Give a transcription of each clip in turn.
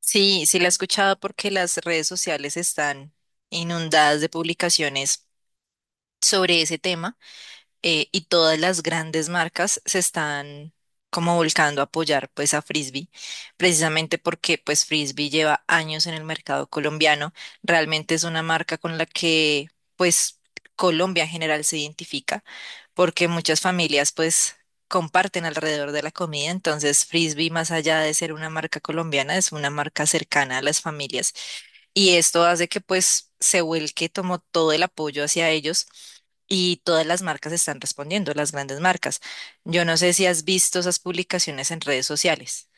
Sí, sí la he escuchado porque las redes sociales están inundadas de publicaciones sobre ese tema. Y todas las grandes marcas se están como volcando a apoyar, pues, a Frisbee, precisamente porque pues Frisbee lleva años en el mercado colombiano. Realmente es una marca con la que pues Colombia en general se identifica, porque muchas familias pues comparten alrededor de la comida. Entonces Frisbee, más allá de ser una marca colombiana, es una marca cercana a las familias, y esto hace que pues Seúl, que tomó todo el apoyo hacia ellos, y todas las marcas están respondiendo, las grandes marcas. Yo no sé si has visto esas publicaciones en redes sociales.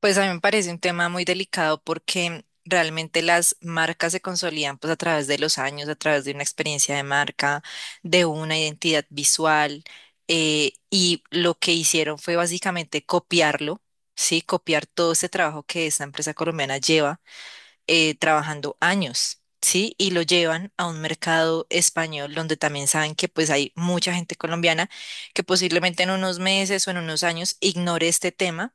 Pues a mí me parece un tema muy delicado porque realmente las marcas se consolidan pues a través de los años, a través de una experiencia de marca, de una identidad visual. Y lo que hicieron fue básicamente copiarlo, ¿sí? Copiar todo ese trabajo que esta empresa colombiana lleva trabajando años, ¿sí? Y lo llevan a un mercado español donde también saben que pues hay mucha gente colombiana que posiblemente en unos meses o en unos años ignore este tema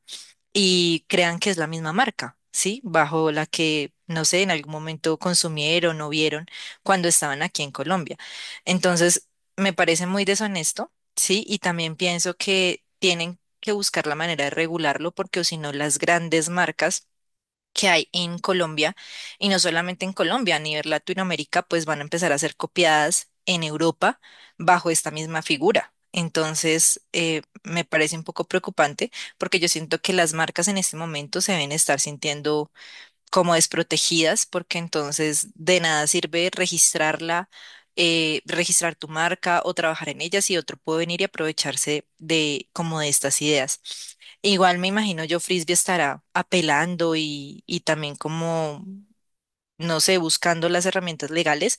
y crean que es la misma marca, ¿sí? Bajo la que, no sé, en algún momento consumieron o vieron cuando estaban aquí en Colombia. Entonces, me parece muy deshonesto, ¿sí? Y también pienso que tienen que buscar la manera de regularlo, porque o si no las grandes marcas que hay en Colombia, y no solamente en Colombia, a nivel Latinoamérica, pues van a empezar a ser copiadas en Europa bajo esta misma figura. Entonces, me parece un poco preocupante, porque yo siento que las marcas en este momento se deben estar sintiendo como desprotegidas, porque entonces de nada sirve registrarla, registrar tu marca o trabajar en ella si otro puede venir y aprovecharse de como de estas ideas. Igual me imagino, yo Frisbee estará apelando y también como, no sé, buscando las herramientas legales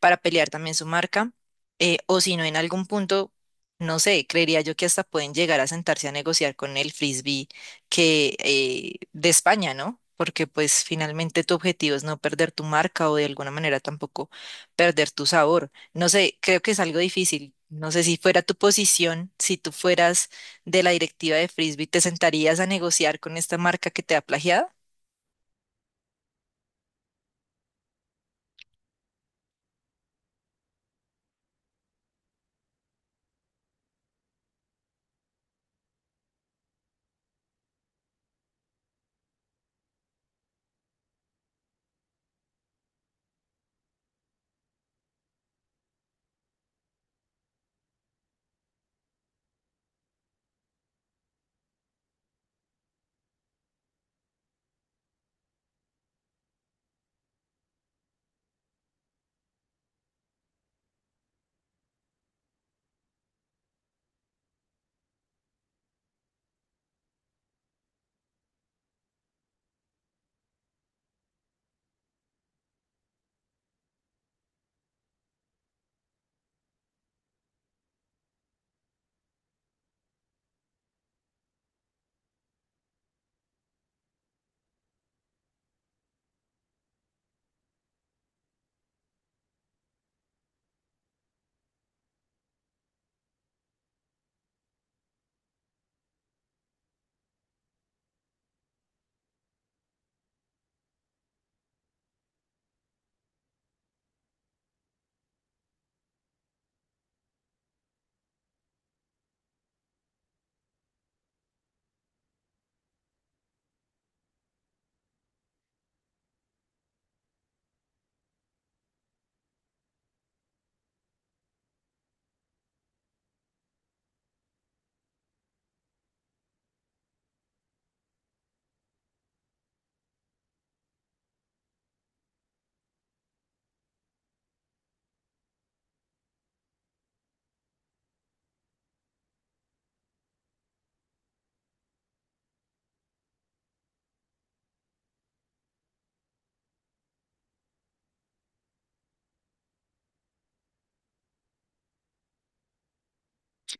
para pelear también su marca, o si no, en algún punto, no sé, creería yo que hasta pueden llegar a sentarse a negociar con el frisbee que, de España, ¿no? Porque pues finalmente tu objetivo es no perder tu marca o de alguna manera tampoco perder tu sabor. No sé, creo que es algo difícil. No sé si fuera tu posición, si tú fueras de la directiva de frisbee, ¿te sentarías a negociar con esta marca que te ha plagiado?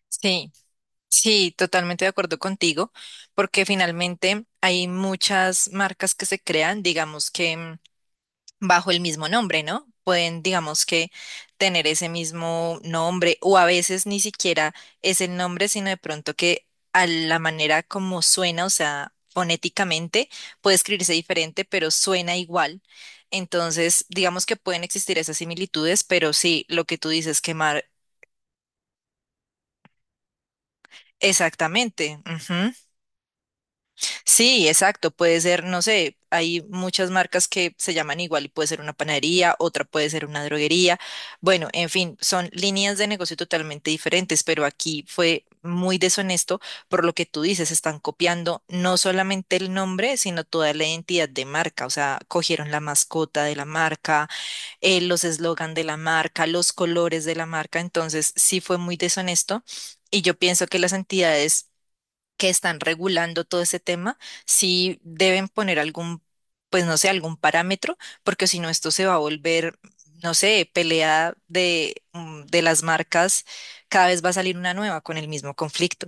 Sí. Sí, totalmente de acuerdo contigo, porque finalmente hay muchas marcas que se crean, digamos que, mm, bajo el mismo nombre, ¿no? Pueden, digamos que, tener ese mismo nombre, o a veces ni siquiera es el nombre, sino de pronto que a la manera como suena, o sea, fonéticamente, puede escribirse diferente, pero suena igual. Entonces, digamos que pueden existir esas similitudes, pero sí, lo que tú dices, quemar, exactamente. Ujú. Sí, exacto. Puede ser, no sé, hay muchas marcas que se llaman igual y puede ser una panadería, otra puede ser una droguería. Bueno, en fin, son líneas de negocio totalmente diferentes, pero aquí fue muy deshonesto. Por lo que tú dices, están copiando no solamente el nombre, sino toda la identidad de marca. O sea, cogieron la mascota de la marca, los eslogan de la marca, los colores de la marca. Entonces, sí fue muy deshonesto. Y yo pienso que las entidades que están regulando todo ese tema sí deben poner algún, pues no sé, algún parámetro, porque si no esto se va a volver, no sé, pelea de, mm, de las marcas, cada vez va a salir una nueva con el mismo conflicto.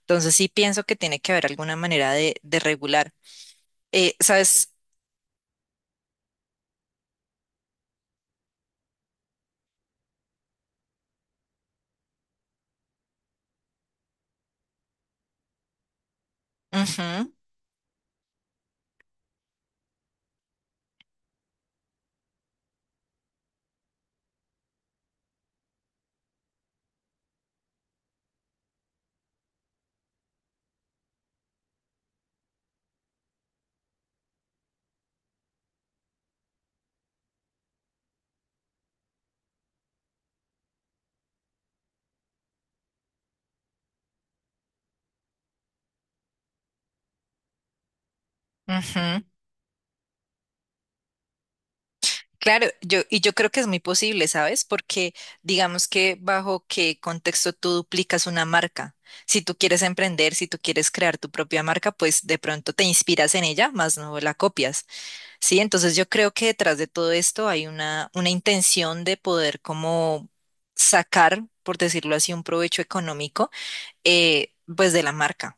Entonces sí pienso que tiene que haber alguna manera de regular. ¿Sabes? Ujú, ujú. Claro, yo, y yo creo que es muy posible, ¿sabes? Porque digamos que bajo qué contexto tú duplicas una marca. Si tú quieres emprender, si tú quieres crear tu propia marca, pues de pronto te inspiras en ella, más no la copias, ¿sí? Entonces yo creo que detrás de todo esto hay una intención de poder como sacar, por decirlo así, un provecho económico, pues de la marca.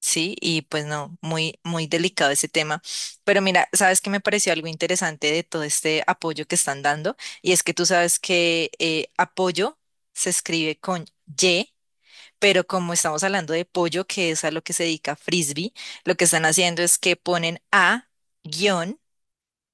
Sí, y pues no, muy, muy delicado ese tema. Pero mira, sabes que me pareció algo interesante de todo este apoyo que están dando, y es que tú sabes que apoyo se escribe con Y, pero como estamos hablando de pollo, que es a lo que se dedica Frisbee, lo que están haciendo es que ponen a guión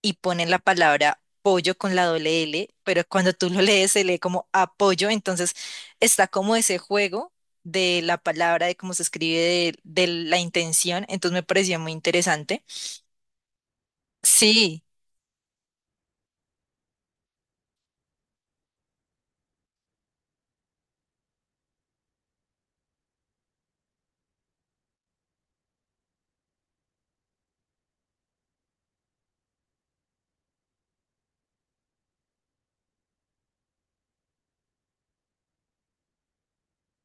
y ponen la palabra pollo con la doble L, pero cuando tú lo lees se lee como apoyo. Entonces está como ese juego de la palabra, de cómo se escribe, de la intención. Entonces me pareció muy interesante. Sí,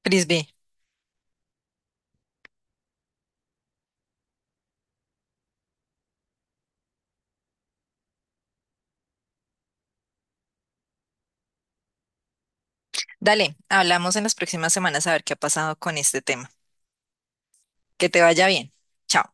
Frisbee, dale, hablamos en las próximas semanas a ver qué ha pasado con este tema. Que te vaya bien. Chao.